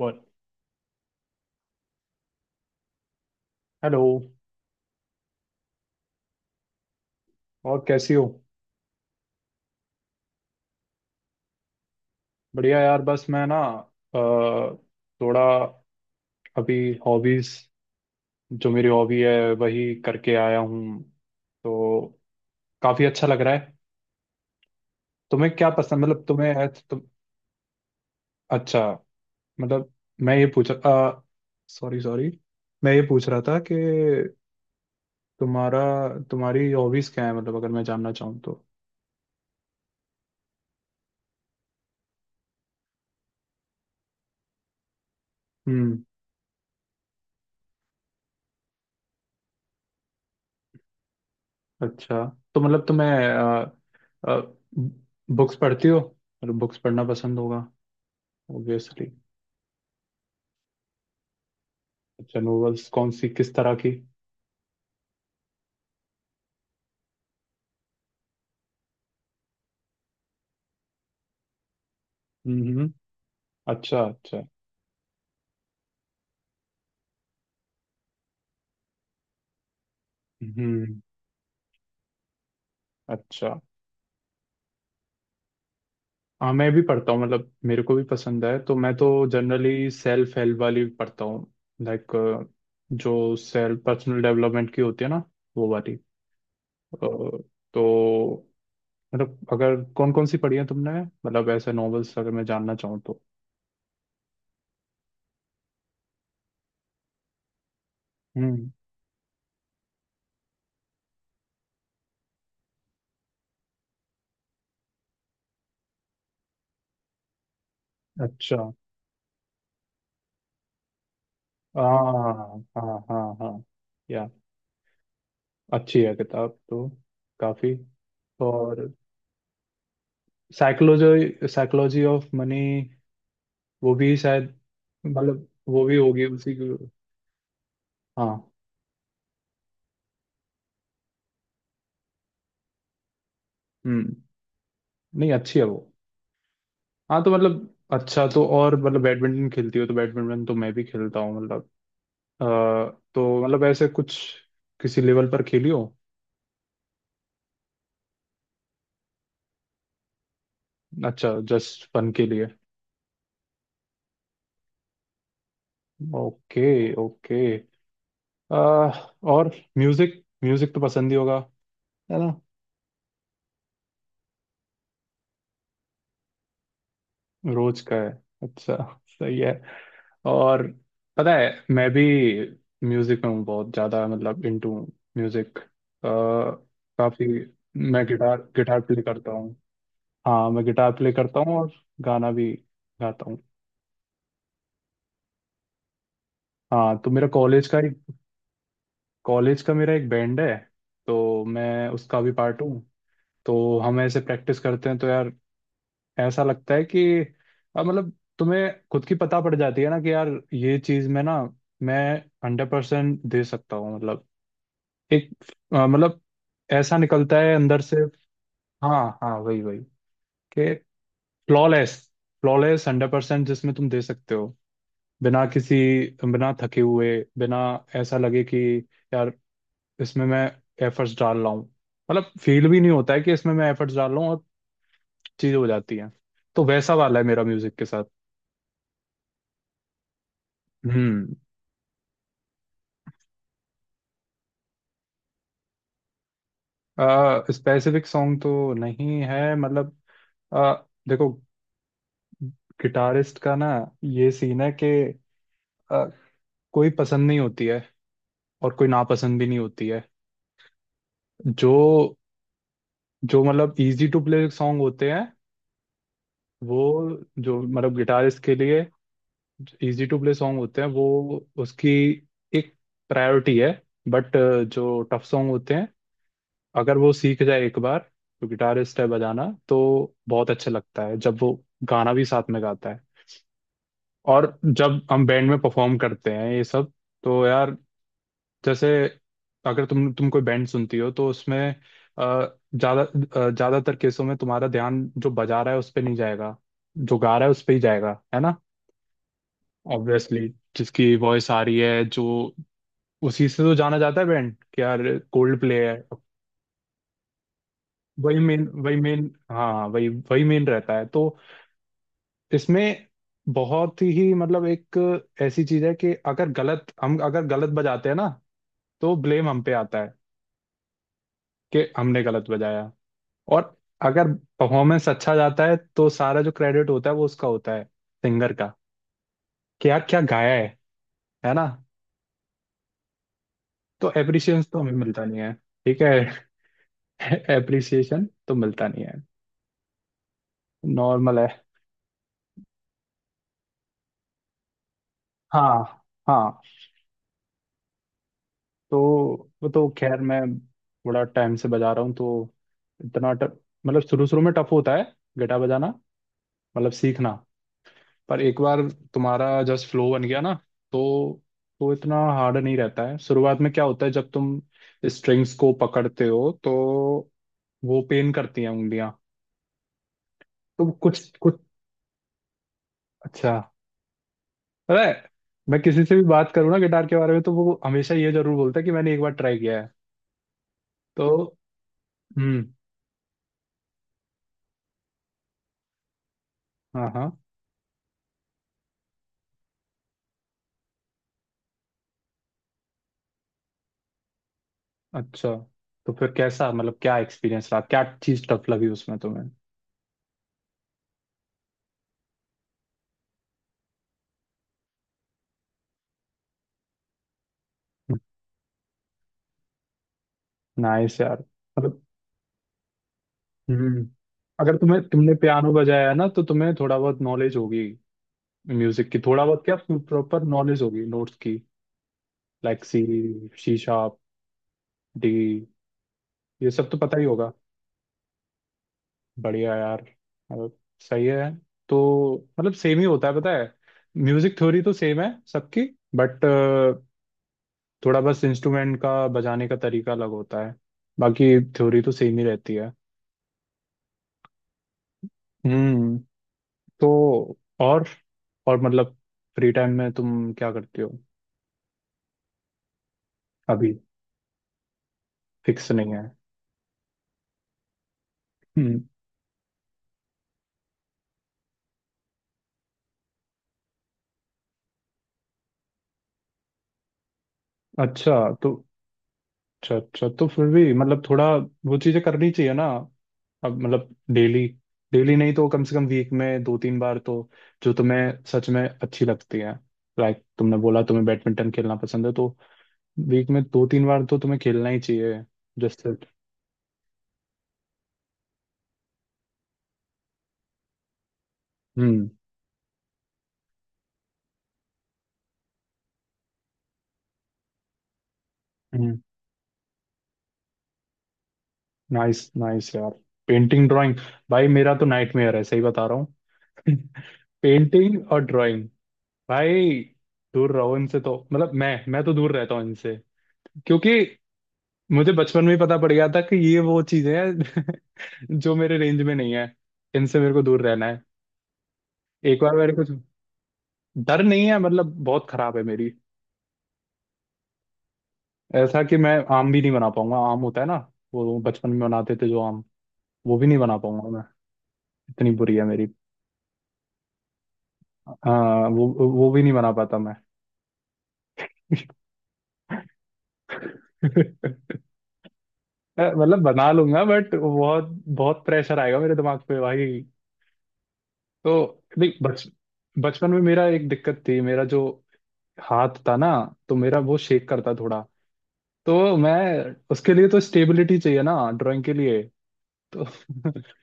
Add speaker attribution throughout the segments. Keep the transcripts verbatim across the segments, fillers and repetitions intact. Speaker 1: बोल। हेलो। और कैसी हो। बढ़िया यार, बस मैं ना अ, थोड़ा अभी हॉबीज, जो मेरी हॉबी है वही करके आया हूँ, तो काफी अच्छा लग रहा है। तुम्हें क्या पसंद, मतलब तुम्हें है तुम। अच्छा, मतलब मैं ये पूछ, सॉरी सॉरी, मैं ये पूछ रहा था कि तुम्हारा, तुम्हारी हॉबीज क्या है, मतलब अगर मैं जानना चाहूँ तो। हम्म अच्छा, तो मतलब तुम्हें बुक्स पढ़ती हो, मतलब बुक्स पढ़ना पसंद होगा ऑब्वियसली। अच्छा, नॉवेल्स कौन सी, किस तरह की। हम्म। अच्छा अच्छा। हम्म। अच्छा। हाँ, मैं भी पढ़ता हूँ, मतलब मेरे को भी पसंद है, तो मैं तो जनरली सेल्फ हेल्प वाली पढ़ता हूँ। लाइक जो सेल्फ पर्सनल डेवलपमेंट की होती है ना, वो वाली। अ, तो मतलब अगर कौन कौन सी पढ़ी है तुमने, मतलब ऐसे नॉवेल्स अगर मैं जानना चाहूँ तो। हम्म। अच्छा। हाँ हाँ हाँ हाँ। या, अच्छी है किताब तो, काफी। और साइकोलॉजी, साइकोलॉजी ऑफ मनी, वो भी शायद, मतलब वो भी होगी उसी की। हाँ। हम्म। नहीं, अच्छी है वो। हाँ, तो मतलब अच्छा, तो और मतलब बैडमिंटन खेलती हो, तो बैडमिंटन तो मैं भी खेलता हूँ मतलब। अ, तो मतलब ऐसे कुछ किसी लेवल पर खेली हो। अच्छा, जस्ट फन के लिए। Okay okay. और म्यूजिक, म्यूजिक तो पसंद ही होगा, है ना। रोज का है, अच्छा, सही है। और पता है, मैं भी म्यूजिक में हूँ बहुत ज्यादा, मतलब इनटू म्यूजिक, काफी। मैं गिटार गिटार प्ले करता हूँ। हाँ, मैं गिटार प्ले करता हूँ, और गाना भी गाता हूँ। हाँ, तो मेरा कॉलेज का एक कॉलेज का मेरा एक बैंड है, तो मैं उसका भी पार्ट हूँ। तो हम ऐसे प्रैक्टिस करते हैं, तो यार ऐसा लगता है कि अब मतलब तुम्हें खुद की पता पड़ जाती है ना, कि यार ये चीज में ना, मैं हंड्रेड परसेंट दे सकता हूँ, मतलब एक, अ, मतलब ऐसा निकलता है अंदर से। हाँ हाँ, वही वही, कि फ्लॉलेस, फ्लॉलेस हंड्रेड परसेंट जिसमें तुम दे सकते हो, बिना किसी, बिना थके हुए, बिना ऐसा लगे कि यार इसमें मैं एफर्ट्स डाल रहा हूँ, मतलब फील भी नहीं होता है कि इसमें मैं एफर्ट्स डाल रहा हूँ, और चीज हो जाती है। तो वैसा वाला है मेरा म्यूजिक के साथ। हम्म। स्पेसिफिक सॉन्ग तो नहीं है, मतलब आ, देखो, गिटारिस्ट का ना ये सीन है कि आ, कोई पसंद नहीं होती है, और कोई नापसंद भी नहीं होती है। जो जो मतलब इजी टू प्ले सॉन्ग होते हैं वो, जो मतलब गिटारिस्ट के लिए इजी टू प्ले सॉन्ग होते हैं, वो उसकी एक प्रायोरिटी है। बट जो टफ सॉन्ग होते हैं, अगर वो सीख जाए एक बार जो गिटारिस्ट है बजाना, तो बहुत अच्छा लगता है जब वो गाना भी साथ में गाता है। और जब हम बैंड में परफॉर्म करते हैं ये सब, तो यार जैसे, अगर तुम तुम कोई बैंड सुनती हो तो उसमें अ, ज्यादा, अ, ज्यादातर केसों में तुम्हारा ध्यान जो बजा रहा है उस पे नहीं जाएगा, जो गा रहा है उस पे ही जाएगा, है ना। ऑब्वियसली, जिसकी वॉइस आ रही है जो, उसी से तो जाना जाता है बैंड, कि यार कोल्ड प्ले है। वही मेन, वही मेन, हाँ हाँ, वही वही मेन रहता है। तो इसमें बहुत ही मतलब एक ऐसी चीज है कि अगर गलत हम अगर गलत बजाते हैं ना, तो ब्लेम हम पे आता है कि हमने गलत बजाया। और अगर परफॉर्मेंस अच्छा जाता है, तो सारा जो क्रेडिट होता है, वो उसका होता है, सिंगर का, कि यार क्या गाया है है ना। तो एप्रिसिएशन तो हमें मिलता नहीं है। ठीक है एप्रिसिएशन तो मिलता नहीं है, नॉर्मल है। हाँ हाँ। तो वो तो खैर मैं बड़ा टाइम से बजा रहा हूँ, तो इतना ट- मतलब शुरू शुरू में टफ होता है गिटार बजाना, मतलब सीखना। पर एक बार तुम्हारा जस्ट फ्लो बन गया ना, तो तो इतना हार्ड नहीं रहता है। शुरुआत में क्या होता है, जब तुम स्ट्रिंग्स को पकड़ते हो, तो वो पेन करती हैं उंगलियां। तो कुछ कुछ। अच्छा। अरे, मैं किसी से भी बात करूँ ना गिटार के बारे में, तो वो हमेशा ये जरूर बोलता है कि मैंने एक बार ट्राई किया है। तो हम्म। हाँ हाँ। अच्छा, तो फिर कैसा, मतलब क्या एक्सपीरियंस रहा, क्या चीज टफ लगी उसमें तुम्हें। नाइस यार। मतलब हम्म। अगर तुम्हें, तुमने पियानो बजाया है ना, तो तुम्हें थोड़ा बहुत नॉलेज होगी म्यूजिक की, थोड़ा बहुत, क्या प्रॉपर नॉलेज होगी नोट्स की। Like C, C sharp, D, ये सब तो पता ही होगा। बढ़िया यार, मतलब सही है। तो मतलब सेम ही होता है पता है, म्यूजिक थ्योरी तो सेम है सबकी। बट थोड़ा बस इंस्ट्रूमेंट का बजाने का तरीका अलग होता है, बाकी थ्योरी तो सेम ही रहती है। हम्म। तो और, और मतलब फ्री टाइम में तुम क्या करते हो। अभी फिक्स नहीं है। हम्म। अच्छा। तो अच्छा अच्छा, तो फिर भी मतलब थोड़ा वो चीजें करनी चाहिए ना। अब मतलब डेली, डेली नहीं तो कम से कम वीक में दो तीन बार तो, जो तुम्हें सच में अच्छी लगती है। लाइक तुमने बोला तुम्हें बैडमिंटन खेलना पसंद है, तो वीक में दो तीन बार तो तुम्हें खेलना ही चाहिए, जैसे। हम्म। हम्म। नाइस नाइस यार, पेंटिंग ड्राइंग, भाई मेरा तो नाइटमेयर है, सही बता रहा हूँ पेंटिंग और ड्राइंग, भाई दूर रहो इनसे, तो मतलब मैं मैं तो दूर रहता हूँ इनसे, क्योंकि मुझे बचपन में ही पता पड़ गया था कि ये वो चीजें हैं जो मेरे रेंज में नहीं है, इनसे मेरे को दूर रहना है। एक बार मेरे कुछ डर नहीं है, मतलब बहुत खराब है मेरी, ऐसा कि मैं आम भी नहीं बना पाऊंगा। आम होता है ना, वो बचपन में बनाते थे जो आम, वो भी नहीं बना पाऊंगा मैं, इतनी बुरी है मेरी। हाँ वो वो भी नहीं बना पाता मैं मतलब बना लूंगा, बट बहुत बहुत प्रेशर आएगा मेरे दिमाग पे भाई। तो नहीं बच बचपन में मेरा एक दिक्कत थी, मेरा जो हाथ था ना, तो मेरा वो शेक करता थोड़ा, तो मैं, उसके लिए तो स्टेबिलिटी चाहिए ना ड्राइंग के लिए, तो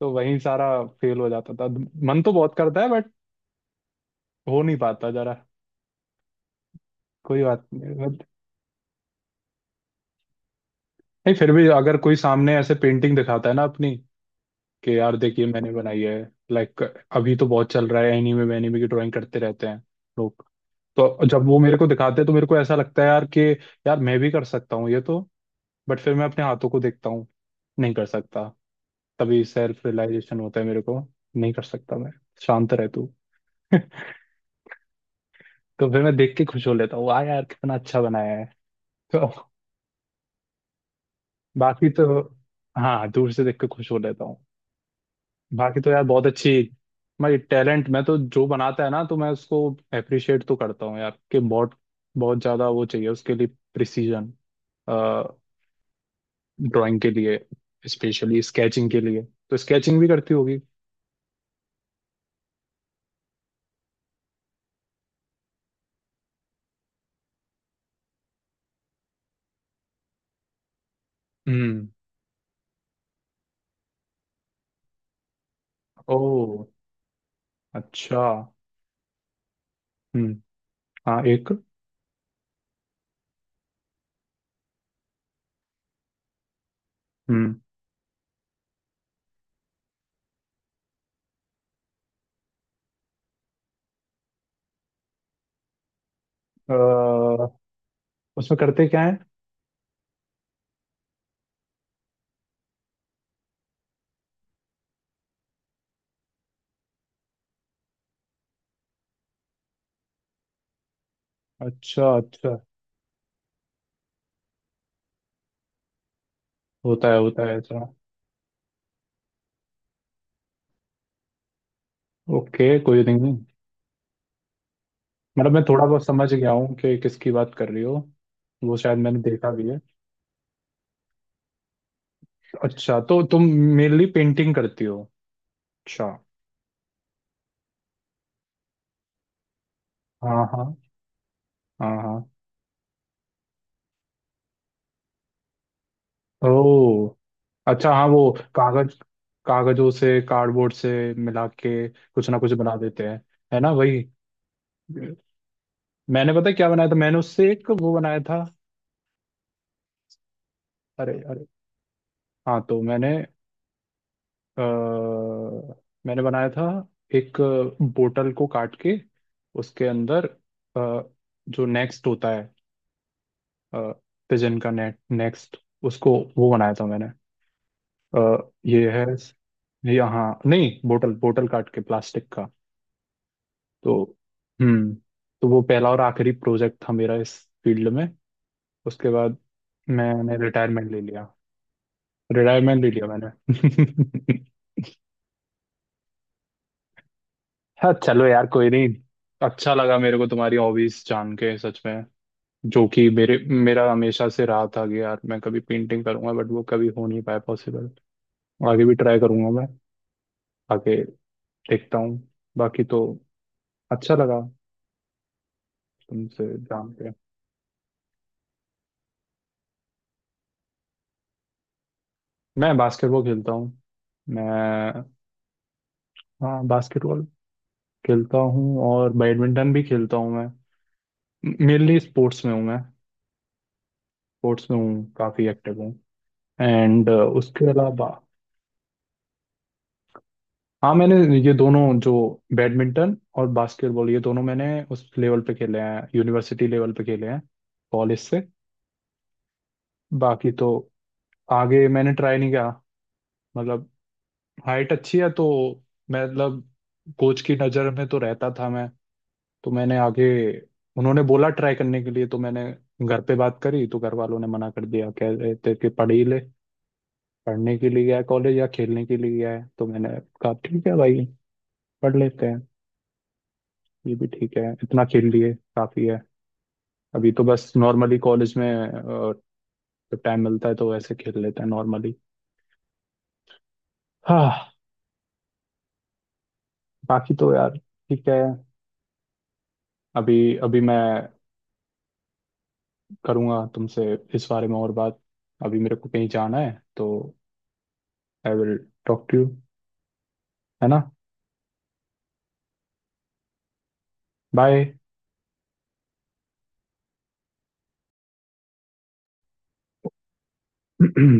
Speaker 1: तो वहीं सारा फेल हो जाता था। मन तो बहुत करता है, बट हो नहीं पाता जरा, कोई बात नहीं। but- नहीं, फिर भी अगर कोई सामने ऐसे पेंटिंग दिखाता है ना अपनी, कि यार देखिए मैंने बनाई है, लाइक अभी तो बहुत चल रहा है, एनीमे एनीमे की ड्राइंग करते रहते हैं लोग, तो जब वो मेरे को दिखाते हैं तो मेरे को ऐसा लगता है यार, कि यार मैं भी कर सकता हूँ ये तो। बट फिर मैं अपने हाथों को देखता हूँ, नहीं कर सकता। तभी सेल्फ रियलाइजेशन होता है मेरे को, नहीं कर सकता मैं, शांत रह तू तो फिर मैं देख के खुश हो लेता हूँ, वाह यार कितना अच्छा बनाया है तो बाकी तो, हाँ, दूर से देख के खुश हो लेता हूँ। बाकी तो यार बहुत अच्छी, मैं टैलेंट मैं तो जो बनाता है ना, तो मैं उसको अप्रिशिएट तो करता हूँ यार, कि बहुत बहुत ज्यादा वो चाहिए उसके लिए, प्रिसीजन, ड्राइंग के लिए, स्पेशली स्केचिंग के लिए। तो स्केचिंग भी करती होगी। हम्म। ओ अच्छा। हम्म। हाँ एक। हम्म। अ, उसमें करते क्या है। अच्छा अच्छा, होता है होता है ऐसा। ओके, कोई नहीं। मतलब मैं थोड़ा बहुत समझ गया हूँ कि किसकी बात कर रही हो, वो शायद मैंने देखा भी है। अच्छा, तो तुम मेनली पेंटिंग करती हो, अच्छा। हाँ हाँ। हाँ हाँ। ओ अच्छा, हाँ वो, कागज, कागजों से, कार्डबोर्ड से मिला के कुछ ना कुछ बना देते हैं, है ना, वही। मैंने पता है क्या बनाया था मैंने उससे एक वो बनाया था, अरे अरे, हाँ तो मैंने अ, मैंने बनाया था एक बोतल को काट के, उसके अंदर अ, जो नेक्स्ट होता है, पिजन का नेट नेक्स्ट, उसको वो बनाया था मैंने। अ, ये है, ये हाँ, नहीं बोतल, बोतल काट के, प्लास्टिक का। तो हम्म, तो वो पहला और आखिरी प्रोजेक्ट था मेरा इस फील्ड में। उसके बाद मैंने रिटायरमेंट ले लिया, रिटायरमेंट ले लिया मैंने हाँ चलो यार, कोई नहीं। अच्छा लगा मेरे को तुम्हारी हॉबीज जान के, सच में। जो कि मेरे मेरा हमेशा से रहा था कि यार मैं कभी पेंटिंग करूंगा, बट वो कभी हो नहीं पाया पॉसिबल। आगे भी ट्राई करूंगा मैं, आगे देखता हूँ। बाकी तो अच्छा लगा तुमसे जान के। मैं बास्केटबॉल खेलता हूँ, मैं हाँ बास्केटबॉल खेलता हूँ, और बैडमिंटन भी खेलता हूँ मैं। मेनली स्पोर्ट्स में हूँ मैं, स्पोर्ट्स में हूँ, काफ़ी एक्टिव हूँ। एंड उसके अलावा, हाँ मैंने, ये दोनों जो बैडमिंटन और बास्केटबॉल, ये दोनों मैंने उस लेवल पे खेले हैं, यूनिवर्सिटी लेवल पे खेले हैं, कॉलेज से। बाकी तो आगे मैंने ट्राई नहीं किया, मतलब हाइट अच्छी है तो मतलब कोच की नज़र में तो रहता था मैं। तो मैंने आगे, उन्होंने बोला ट्राई करने के लिए, तो मैंने घर पे बात करी, तो घर वालों ने मना कर दिया, कह रहे थे कि पढ़ ही ले, पढ़ने के लिए गया है कॉलेज या खेलने के लिए गया है। तो मैंने कहा ठीक है भाई, पढ़ लेते हैं, ये भी ठीक है, इतना खेल लिए काफी है। अभी तो बस नॉर्मली कॉलेज में अ, जब टाइम मिलता है तो वैसे खेल लेते हैं, नॉर्मली। हाँ, बाकी तो यार ठीक है। अभी अभी मैं करूँगा तुमसे इस बारे में और बात, अभी मेरे को कहीं जाना है, तो I will talk to you, है ना। बाय।